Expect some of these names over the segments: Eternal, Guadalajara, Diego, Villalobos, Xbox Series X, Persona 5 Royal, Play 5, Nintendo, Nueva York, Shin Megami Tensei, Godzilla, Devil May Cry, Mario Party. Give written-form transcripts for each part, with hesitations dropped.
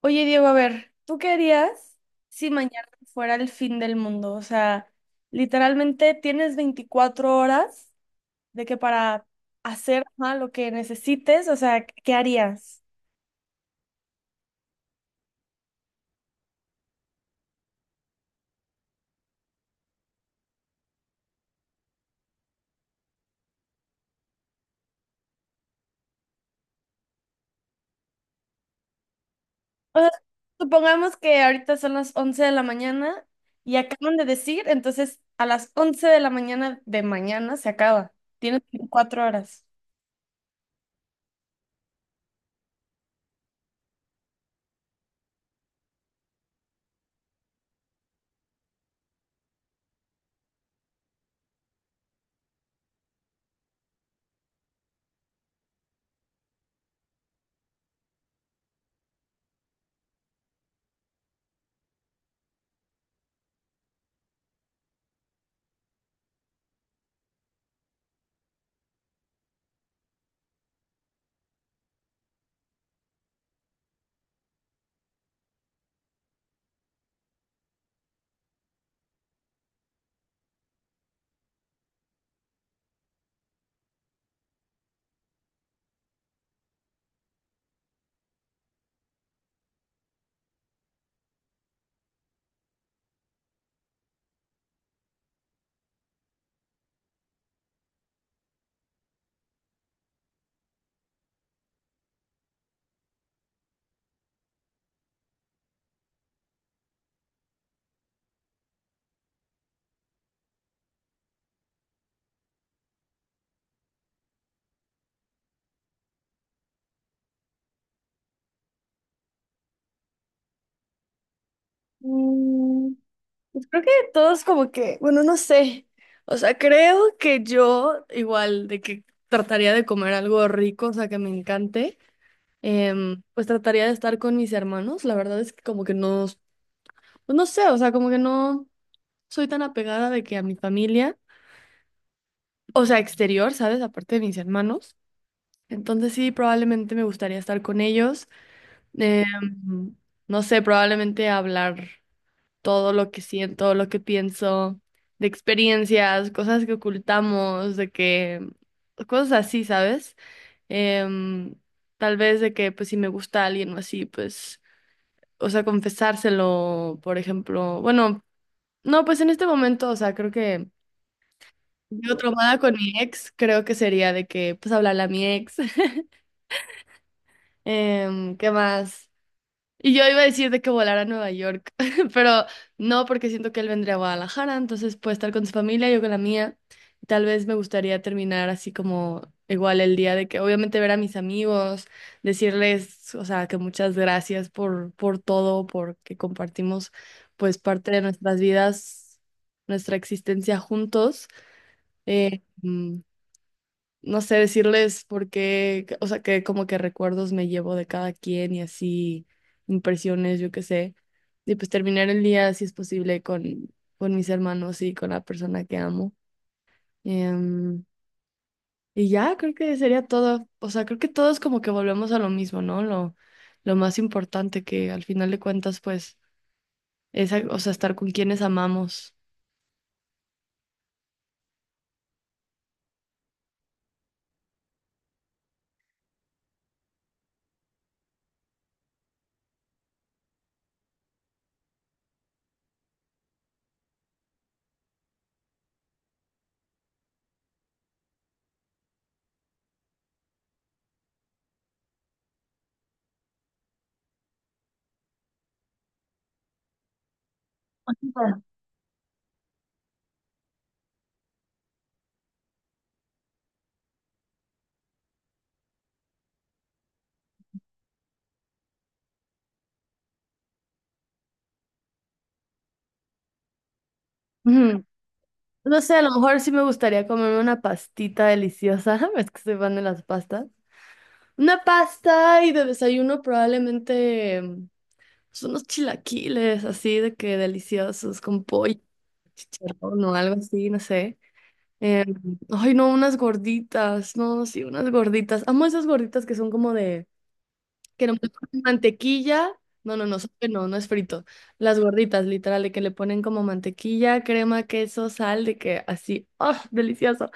Oye, Diego, a ver, ¿tú qué harías si mañana fuera el fin del mundo? O sea, literalmente tienes 24 horas de que para hacer ajá, lo que necesites, o sea, ¿qué harías? O sea, supongamos que ahorita son las 11 de la mañana y acaban de decir, entonces a las 11 de la mañana de mañana se acaba. Tienes veinticuatro horas. Mm. Pues creo que todos como que, bueno, no sé. O sea, creo que yo igual de que trataría de comer algo rico, o sea, que me encante. Pues trataría de estar con mis hermanos. La verdad es que como que no, pues no sé, o sea, como que no soy tan apegada de que a mi familia, o sea, exterior, ¿sabes? Aparte de mis hermanos. Entonces sí, probablemente me gustaría estar con ellos. em, no sé, probablemente hablar todo lo que siento, lo que pienso, de experiencias, cosas que ocultamos, de que cosas así, ¿sabes? Em, Tal vez de que pues si me gusta alguien o así, pues, o sea, confesárselo, por ejemplo. Bueno, no, pues en este momento, o sea, creo que yo, traumada con mi ex, creo que sería de que pues hablarle a mi ex. Em, ¿qué más? Y yo iba a decir de que volara a Nueva York, pero no, porque siento que él vendría a Guadalajara, entonces puede estar con su familia, yo con la mía. Tal vez me gustaría terminar así como igual el día de que obviamente ver a mis amigos, decirles, o sea, que muchas gracias por todo, porque compartimos pues parte de nuestras vidas, nuestra existencia juntos. Mm, no sé, decirles por qué, o sea, que como que recuerdos me llevo de cada quien y así, impresiones, yo qué sé. Y pues terminar el día, si es posible, con mis hermanos y con la persona que amo. Em, y ya, creo que sería todo. O sea, creo que todos como que volvemos a lo mismo, ¿no? Lo más importante que al final de cuentas, pues, es, o sea, estar con quienes amamos. Ujú. No sé, a lo mejor sí me gustaría comerme una pastita deliciosa. Es que soy fan de las pastas. Una pasta, y de desayuno probablemente pues, unos chilaquiles así de que deliciosos con pollo, chicharrón o algo así, no sé. Eh, ay, no, unas gorditas, no, sí, unas gorditas. Amo esas gorditas que son como de, que no ponen mantequilla. No, no, no, no, no es frito. Las gorditas, literal, de que le ponen como mantequilla, crema, queso, sal, de que así, ¡oh, delicioso!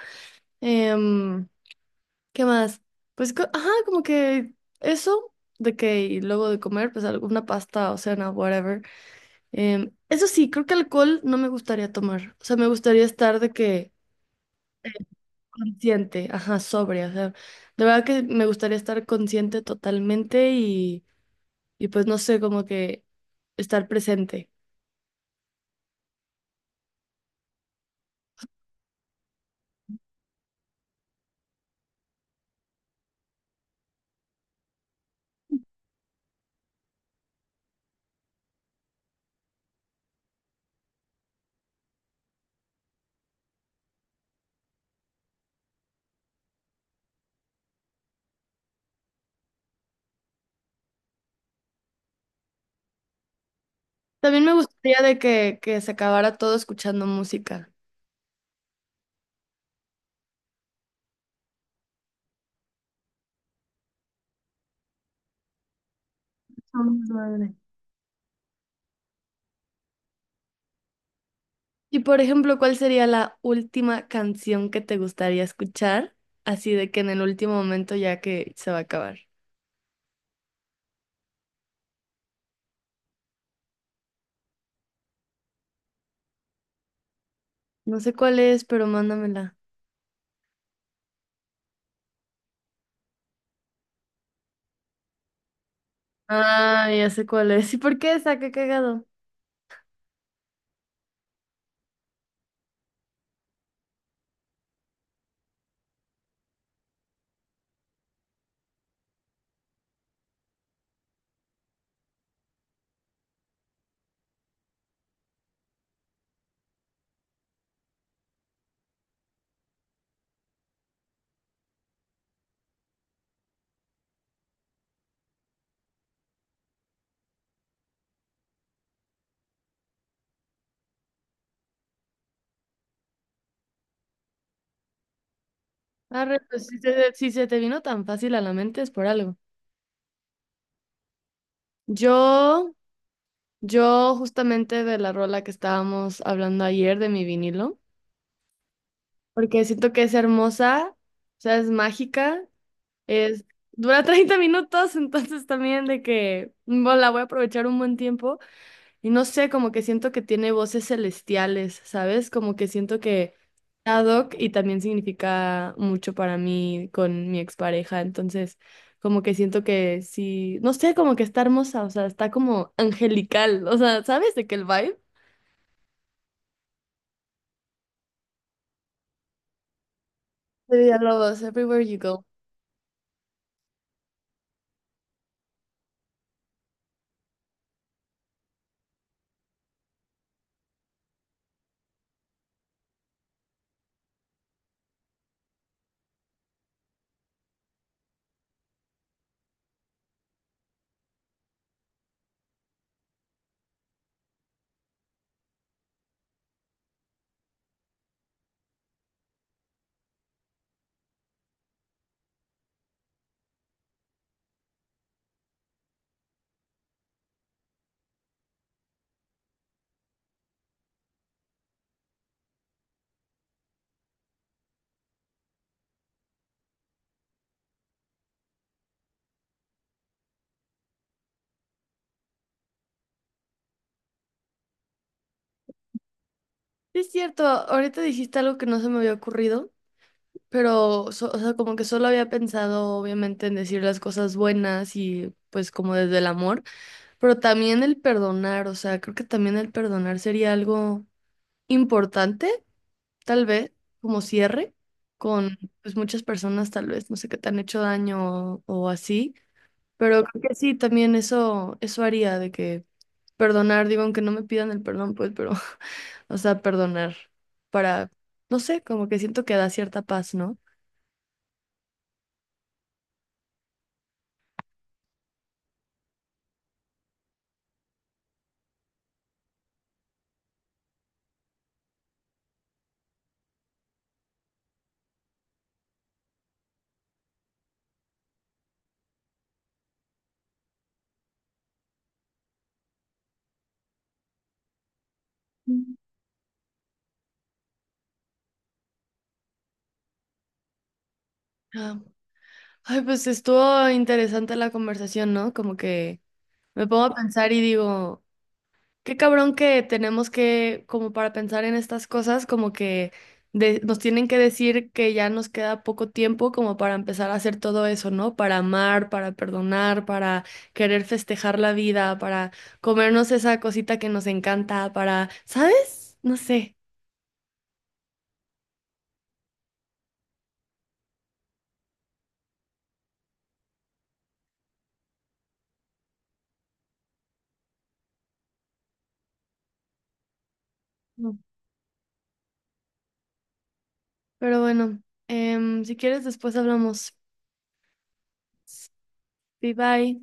Em, ¿qué más? Pues, ajá, como que eso de que y luego de comer, pues alguna pasta o cena, whatever. Em, eso sí, creo que alcohol no me gustaría tomar. O sea, me gustaría estar de que consciente, ajá, sobria. O sea, de verdad que me gustaría estar consciente totalmente, y pues no sé, como que estar presente. También me gustaría que se acabara todo escuchando música. Somos 9. Y por ejemplo, ¿cuál sería la última canción que te gustaría escuchar? Así de que en el último momento ya que se va a acabar. No sé cuál es, pero mándamela. Ah, ya sé cuál es. ¿Y por qué esa? Qué cagado. Arre, pues si se te vino tan fácil a la mente es por algo. Yo, yo justamente de la rola que estábamos hablando ayer de mi vinilo, porque siento que es hermosa, o sea, es mágica. Es, dura 30 minutos, entonces también de que bueno, la voy a aprovechar un buen tiempo. Y no sé, como que siento que tiene voces celestiales, ¿sabes? Como que siento que ad hoc, y también significa mucho para mí con mi expareja. Entonces, como que siento que sí, no sé, como que está hermosa, o sea, está como angelical. O sea, ¿sabes de que el vibe? De Villalobos, Everywhere You Go. Sí, es cierto, ahorita dijiste algo que no se me había ocurrido. Pero, o sea, como que solo había pensado, obviamente, en decir las cosas buenas y pues como desde el amor, pero también el perdonar, o sea, creo que también el perdonar sería algo importante, tal vez, como cierre con pues muchas personas, tal vez, no sé, qué te han hecho daño o así, pero creo que sí, también eso haría de que perdonar, digo, aunque no me pidan el perdón, pues, pero, o sea, perdonar para, no sé, como que siento que da cierta paz, ¿no? Ay, pues estuvo interesante la conversación, ¿no? Como que me pongo a pensar y digo, qué cabrón que tenemos que, como para pensar en estas cosas, como que nos tienen que decir que ya nos queda poco tiempo como para empezar a hacer todo eso, ¿no? Para amar, para perdonar, para querer festejar la vida, para comernos esa cosita que nos encanta, para, ¿sabes? No sé. No. Pero bueno, em, si quieres después hablamos. Bye bye.